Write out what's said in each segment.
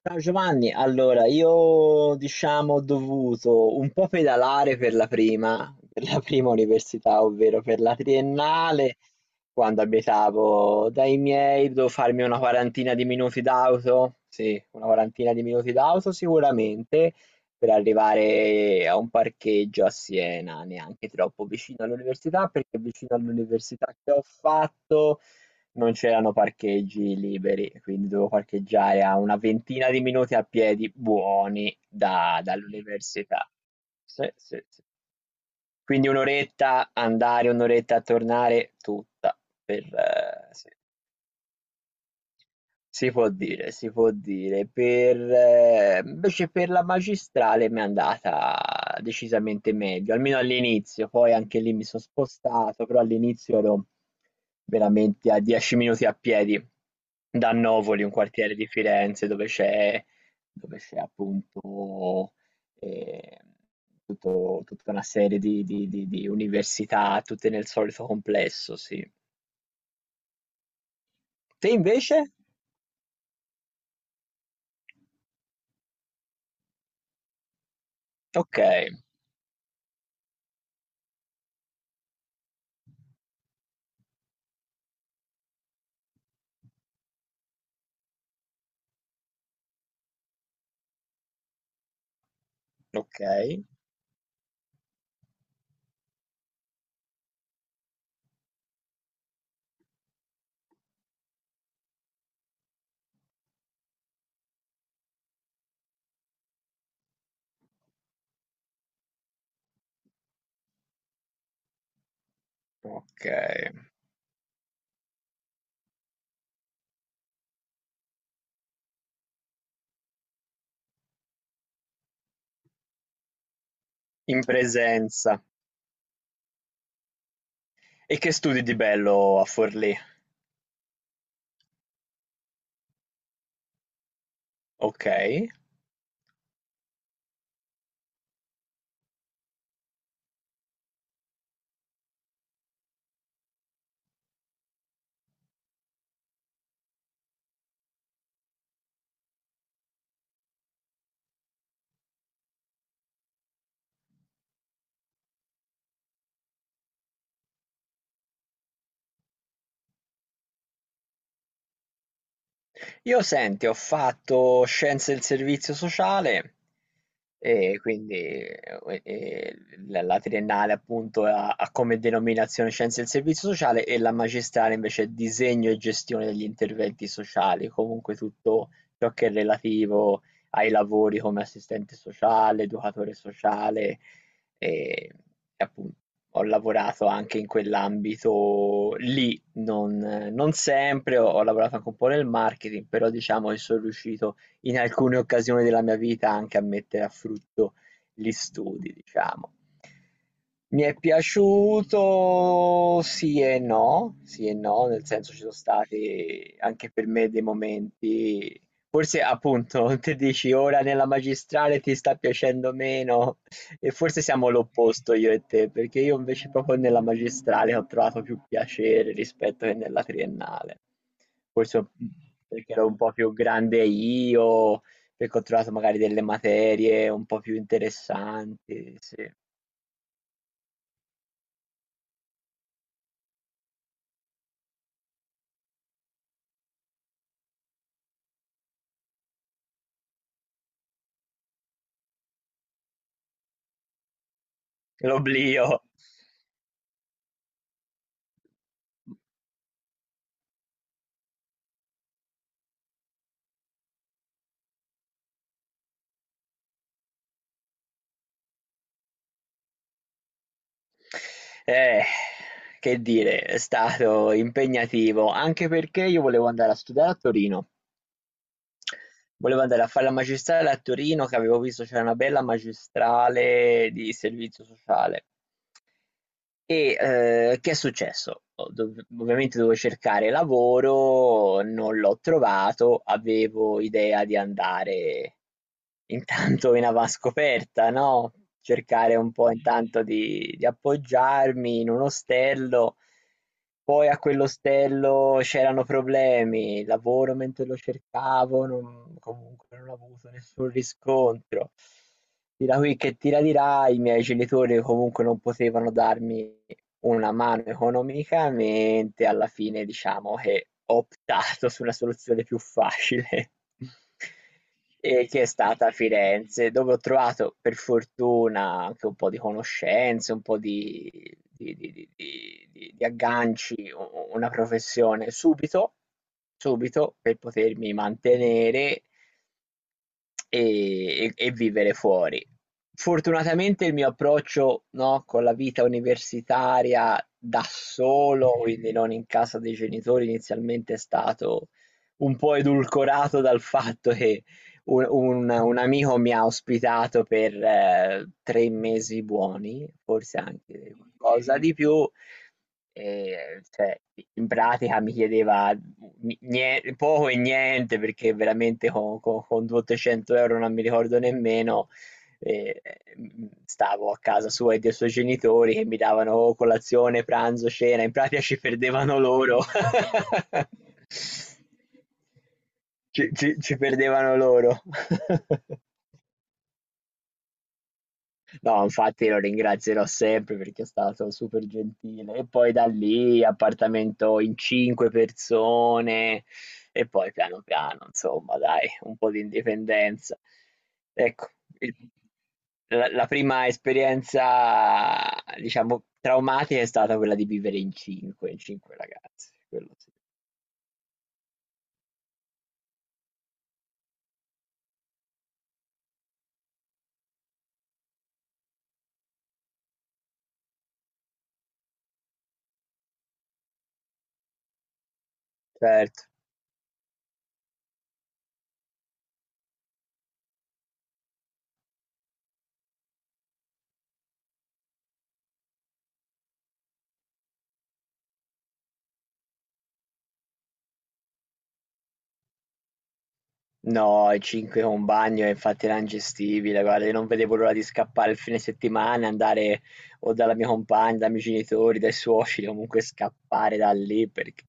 Ciao Giovanni, allora io diciamo ho dovuto un po' pedalare per la prima università, ovvero per la triennale, quando abitavo dai miei, devo farmi una quarantina di minuti d'auto, sì, una quarantina di minuti d'auto sicuramente, per arrivare a un parcheggio a Siena, neanche troppo vicino all'università, perché vicino all'università che ho fatto non c'erano parcheggi liberi, quindi dovevo parcheggiare a una ventina di minuti a piedi buoni dall'università. Sì, sì, sì. Quindi un'oretta andare, un'oretta a tornare, tutta per, sì. Si può dire, si può dire. Per invece per la magistrale mi è andata decisamente meglio, almeno all'inizio, poi anche lì mi sono spostato, però all'inizio ero veramente a 10 minuti a piedi da Novoli, un quartiere di Firenze dove c'è appunto eh, tutta una serie di università, tutte nel solito complesso, sì. Te invece? Ok, ok. Okay, in presenza. E che studi di bello a Forlì? Okay. Io senti, ho fatto scienze del servizio sociale. E quindi la triennale appunto ha come denominazione Scienze del Servizio Sociale e la magistrale invece è Disegno e Gestione degli Interventi Sociali, comunque tutto ciò che è relativo ai lavori come assistente sociale, educatore sociale e appunto ho lavorato anche in quell'ambito lì, non, non sempre, ho lavorato anche un po' nel marketing, però diciamo che sono riuscito in alcune occasioni della mia vita anche a mettere a frutto gli studi, diciamo. Mi è piaciuto sì e no, nel senso ci sono stati anche per me dei momenti, forse appunto te dici ora nella magistrale ti sta piacendo meno e forse siamo l'opposto io e te, perché io invece proprio nella magistrale ho trovato più piacere rispetto che nella triennale. Forse un- Perché ero un po' più grande io, perché ho trovato magari delle materie un po' più interessanti, sì. L'oblio. Eh, che dire, è stato impegnativo, anche perché io volevo andare a studiare a Torino. Volevo andare a fare la magistrale a Torino, che avevo visto c'era una bella magistrale di servizio sociale. E, che è successo? Ho dov ovviamente dovevo cercare lavoro, non l'ho trovato, avevo idea di andare intanto in avanscoperta, no, cercare un po' intanto di appoggiarmi in un ostello, poi a quell'ostello c'erano problemi, lavoro mentre lo cercavo, non, comunque non ho avuto nessun riscontro. Tira qui che tira di là, i miei genitori comunque non potevano darmi una mano economicamente, alla fine diciamo che ho optato su una soluzione più facile. E che è stata a Firenze, dove ho trovato per fortuna anche un po' di conoscenze, un po' di, di agganci, una professione subito, subito per potermi mantenere e vivere fuori. Fortunatamente il mio approccio, no, con la vita universitaria da solo, quindi non in casa dei genitori, inizialmente è stato un po' edulcorato dal fatto che un amico mi ha ospitato per 3 mesi buoni, forse anche qualcosa di più, cioè in pratica mi chiedeva poco e niente perché veramente con 200 euro non mi ricordo nemmeno, eh, stavo a casa sua e dei suoi genitori che mi davano colazione, pranzo, cena, in pratica ci perdevano loro. Ci perdevano loro. No, infatti lo ringrazierò sempre perché è stato super gentile. E poi da lì appartamento in 5 persone e poi piano piano, insomma, dai, un po' di indipendenza. Ecco, il- la prima esperienza, diciamo, traumatica è stata quella di vivere in 5, in 5 ragazzi, quello sì. Certo. No, i 5 con bagno è infatti era ingestibile, guarda, io non vedevo l'ora di scappare il fine settimana, andare o dalla mia compagna, dai miei genitori, dai suoceri, comunque scappare da lì perché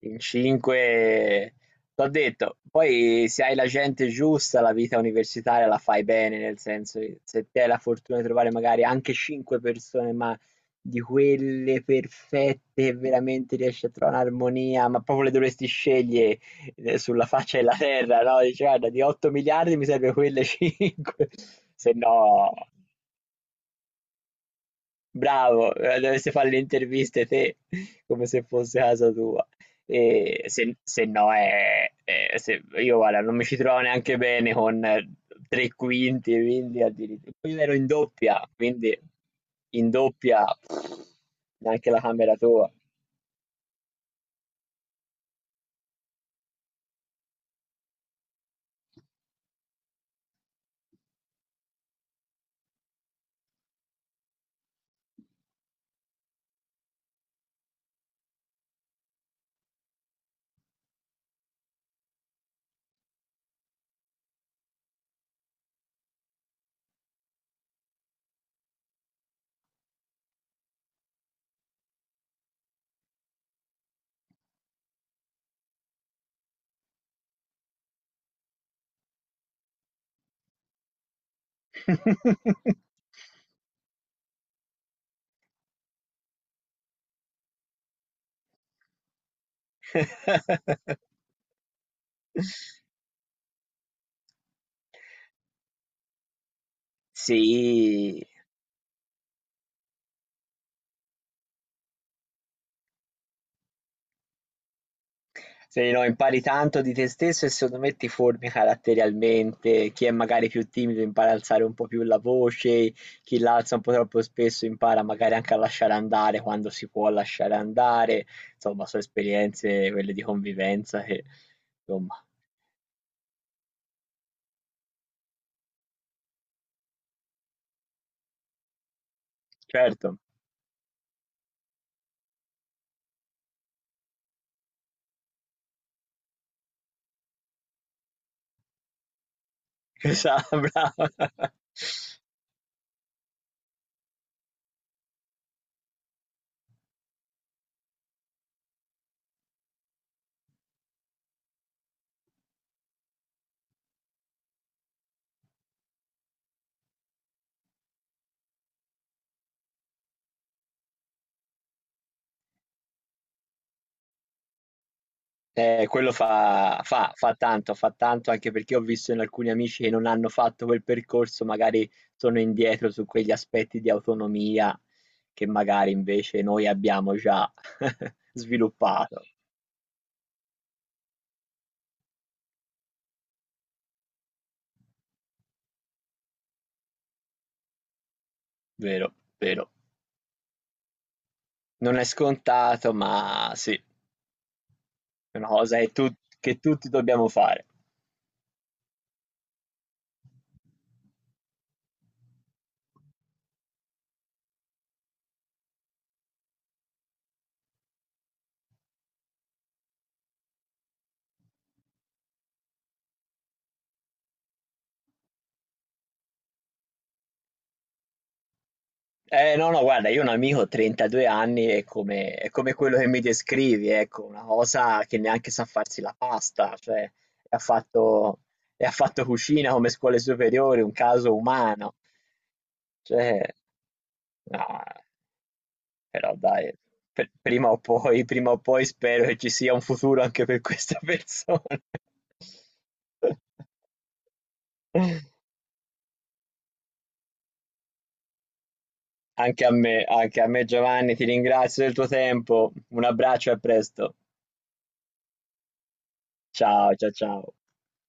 in 5 t'ho detto, poi se hai la gente giusta, la vita universitaria la fai bene, nel senso che se ti hai la fortuna di trovare magari anche 5 persone, ma di quelle perfette che veramente riesci a trovare un'armonia, ma proprio le dovresti scegliere sulla faccia della terra, no? Dici, guarda, di 8 miliardi mi serve quelle 5, se no, bravo, dovresti fare le interviste te, come se fosse casa tua. E se no è, io guarda, non mi ci trovo neanche bene con tre quinti, quindi addirittura. Poi ero in doppia, quindi in doppia pff, neanche la camera tua. Sì, se no, impari tanto di te stesso e secondo me ti formi caratterialmente. Chi è magari più timido impara ad alzare un po' più la voce, chi l'alza un po' troppo spesso impara magari anche a lasciare andare quando si può lasciare andare. Insomma, sono esperienze quelle di convivenza che, insomma, certo, esatto, brava. Quello fa tanto, fa tanto anche perché ho visto in alcuni amici che non hanno fatto quel percorso, magari sono indietro su quegli aspetti di autonomia che magari invece noi abbiamo già sviluppato. Vero, vero. Non è scontato, ma sì, è una cosa che tutti dobbiamo fare. No, no, guarda, io ho un amico 32 anni è come quello che mi descrivi, ecco, una cosa che neanche sa farsi la pasta, cioè ha fatto, e ha fatto cucina come scuole superiori, un caso umano, cioè, no, però dai, prima o poi spero che ci sia un futuro anche per queste persone. Anche a me Giovanni, ti ringrazio del tuo tempo, un abbraccio e a presto. Ciao, ciao, ciao.